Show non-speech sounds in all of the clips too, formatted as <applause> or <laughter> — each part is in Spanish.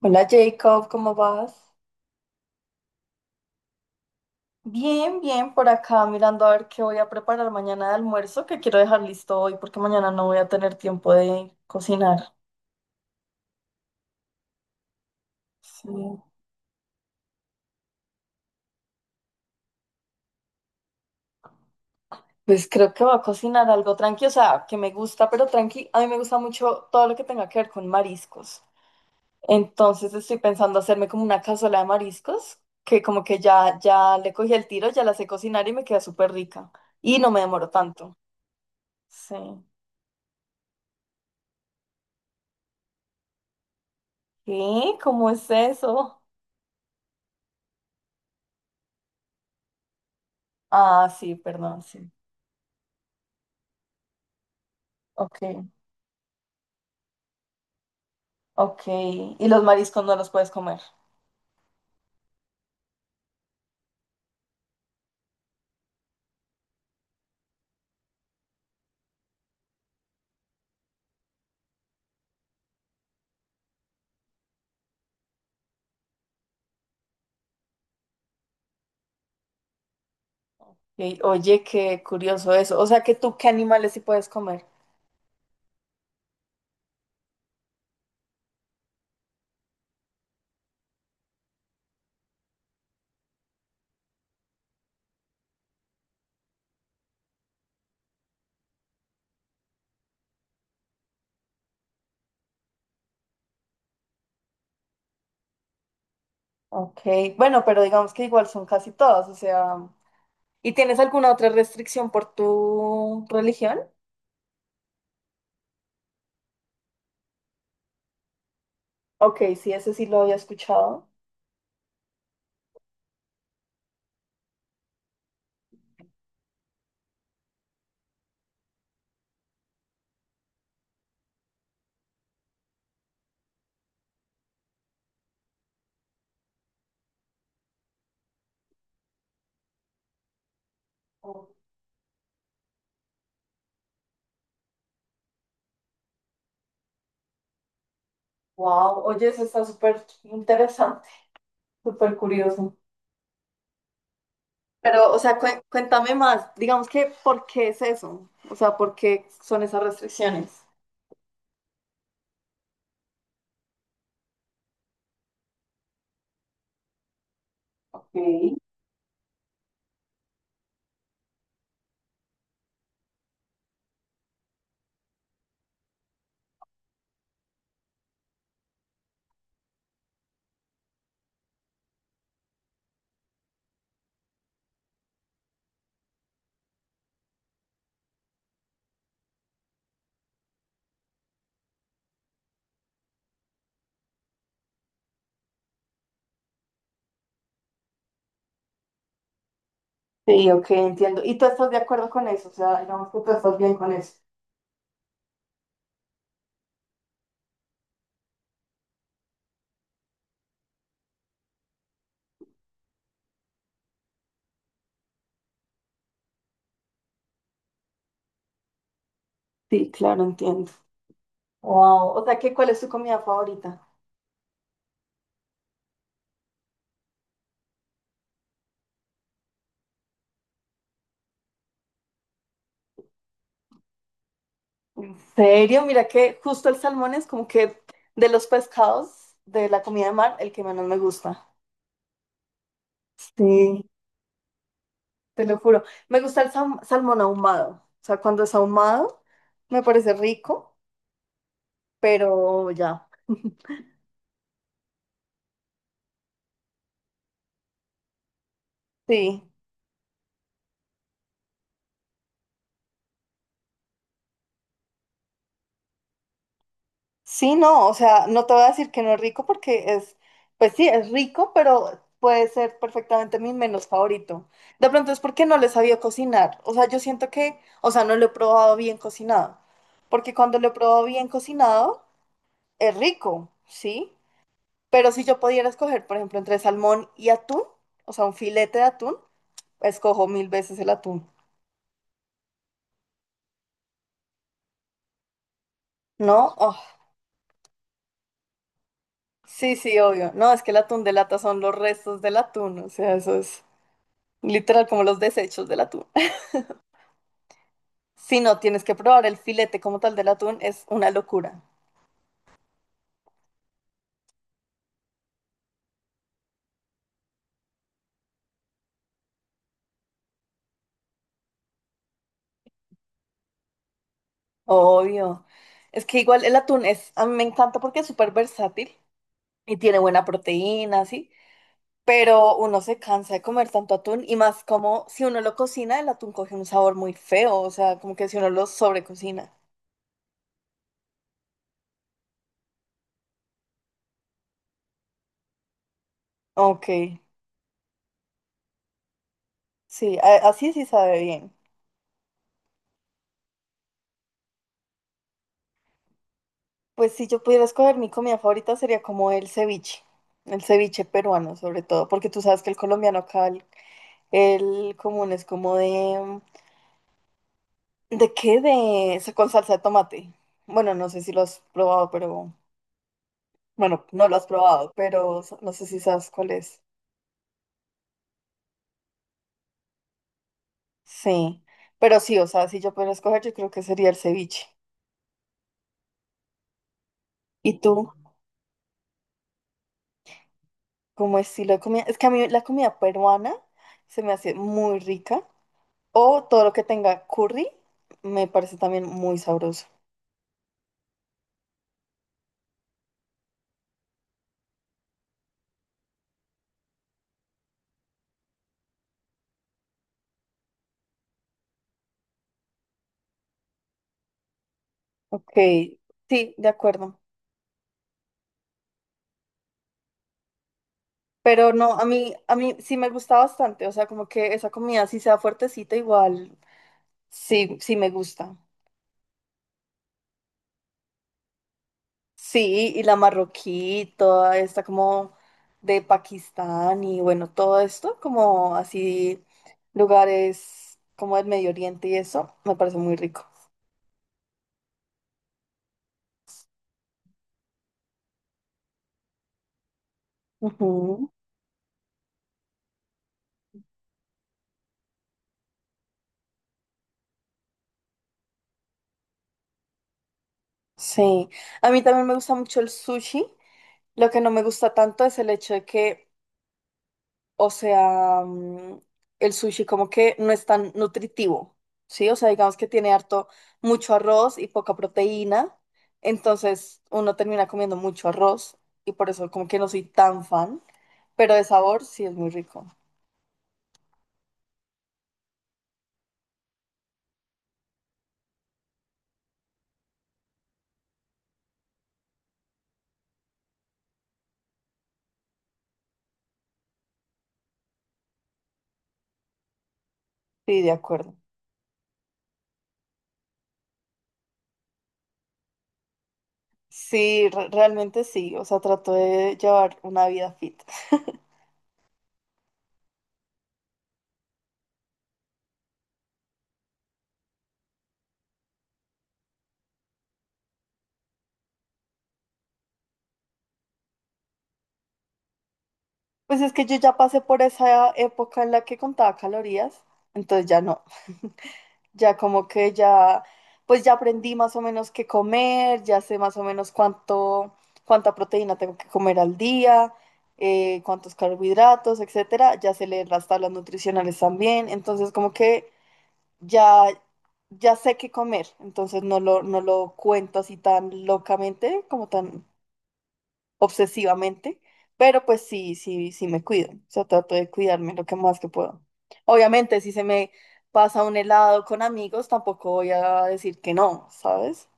Hola Jacob, ¿cómo vas? Bien, bien, por acá mirando a ver qué voy a preparar mañana de almuerzo, que quiero dejar listo hoy porque mañana no voy a tener tiempo de cocinar. Sí. Pues creo que voy a cocinar algo tranqui, o sea, que me gusta, pero tranqui, a mí me gusta mucho todo lo que tenga que ver con mariscos. Entonces estoy pensando hacerme como una cazuela de mariscos, que como que ya le cogí el tiro, ya la sé cocinar y me queda súper rica. Y no me demoro tanto. Sí. ¿Qué? ¿Cómo es eso? Ah, sí, perdón, sí. Ok, ok. Y los mariscos no los puedes comer. Ok, oye, qué curioso eso. O sea que tú, ¿qué animales sí puedes comer? Ok, bueno, pero digamos que igual son casi todos, o sea. ¿Y tienes alguna otra restricción por tu religión? Ok, sí, ese sí lo había escuchado. Wow, oye, eso está súper interesante, súper curioso. Pero, o sea, cuéntame más, digamos que, ¿por qué es eso? O sea, ¿por qué son esas restricciones? Ok. Sí, ok, entiendo. ¿Y tú estás de acuerdo con eso? O sea, digamos que tú estás bien con eso. Sí, claro, entiendo. Wow, o sea, ¿qué, cuál es tu comida favorita? ¿En serio? Mira que justo el salmón es como que de los pescados de la comida de mar, el que menos me gusta. Sí, te lo juro. Me gusta el salmón ahumado. O sea, cuando es ahumado, me parece rico, pero ya. Sí. Sí, no, o sea, no te voy a decir que no es rico porque es, pues sí, es rico, pero puede ser perfectamente mi menos favorito. De pronto es porque no le sabía cocinar. O sea, yo siento que, o sea, no lo he probado bien cocinado. Porque cuando lo he probado bien cocinado, es rico, ¿sí? Pero si yo pudiera escoger, por ejemplo, entre salmón y atún, o sea, un filete de atún, escojo mil veces el atún. ¿No? Oh, sí, sí, obvio. No, es que el atún de lata son los restos del atún, o sea, eso es. Literal, como los desechos del atún. <laughs> Si no, tienes que probar el filete como tal del atún, es una locura. Obvio. Es que igual el atún es, a mí me encanta porque es súper versátil y tiene buena proteína, ¿sí? Pero uno se cansa de comer tanto atún y más como si uno lo cocina, el atún coge un sabor muy feo, o sea, como que si uno lo sobrecocina. Ok, sí, así sí sabe bien. Pues si yo pudiera escoger mi comida favorita sería como el ceviche peruano sobre todo, porque tú sabes que el colombiano acá el común es como de... ¿De qué? De... con salsa de tomate. Bueno, no sé si lo has probado, pero... Bueno, no lo has probado, pero no sé si sabes cuál es. Sí, pero sí, o sea, si yo pudiera escoger, yo creo que sería el ceviche. ¿Y tú? ¿Cómo estilo de comida? Es que a mí la comida peruana se me hace muy rica. O todo lo que tenga curry me parece también muy sabroso. Ok, sí, de acuerdo. Pero no, a mí sí me gusta bastante, o sea, como que esa comida sí sea fuertecita, igual sí, sí me gusta. Sí, y la marroquí, toda esta como de Pakistán y bueno, todo esto, como así lugares como el Medio Oriente y eso, me parece muy rico. Ujú. Sí, a mí también me gusta mucho el sushi. Lo que no me gusta tanto es el hecho de que o sea, el sushi como que no es tan nutritivo, ¿sí? O sea, digamos que tiene harto, mucho arroz y poca proteína, entonces uno termina comiendo mucho arroz y por eso como que no soy tan fan, pero de sabor sí es muy rico. Sí, de acuerdo. Sí, realmente sí, o sea, trato de llevar una vida fit. <laughs> Pues es que yo ya pasé por esa época en la que contaba calorías, entonces ya no. Ya como que ya, pues ya aprendí más o menos qué comer, ya sé más o menos cuánto, cuánta proteína tengo que comer al día, cuántos carbohidratos, etcétera. Ya sé leer las tablas nutricionales también. Entonces como que ya, ya sé qué comer. Entonces no lo cuento así tan locamente, como tan obsesivamente, pero pues sí, sí, sí me cuido. O sea, trato de cuidarme lo que más que puedo. Obviamente, si se me pasa un helado con amigos, tampoco voy a decir que no, ¿sabes?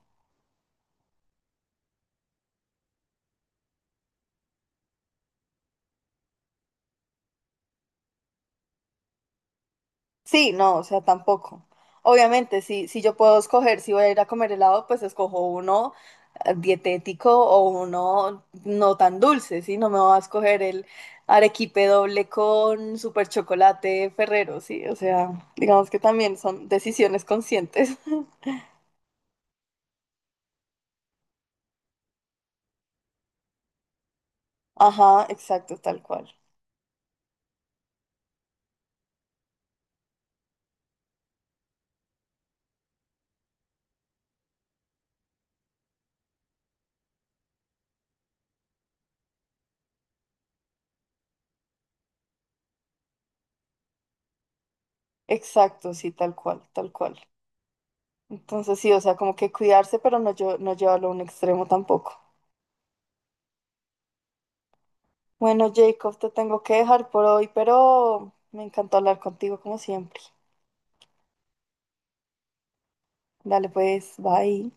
Sí, no, o sea, tampoco. Obviamente, si yo puedo escoger si voy a ir a comer helado, pues escojo uno dietético o uno no tan dulce, ¿sí? No me voy a escoger el arequipe doble con super chocolate Ferrero, ¿sí? O sea, digamos que también son decisiones conscientes. <laughs> Ajá, exacto, tal cual. Exacto, sí, tal cual, tal cual. Entonces sí, o sea, como que cuidarse, pero no, no llevarlo a un extremo tampoco. Bueno, Jacob, te tengo que dejar por hoy, pero me encantó hablar contigo como siempre. Dale pues, bye.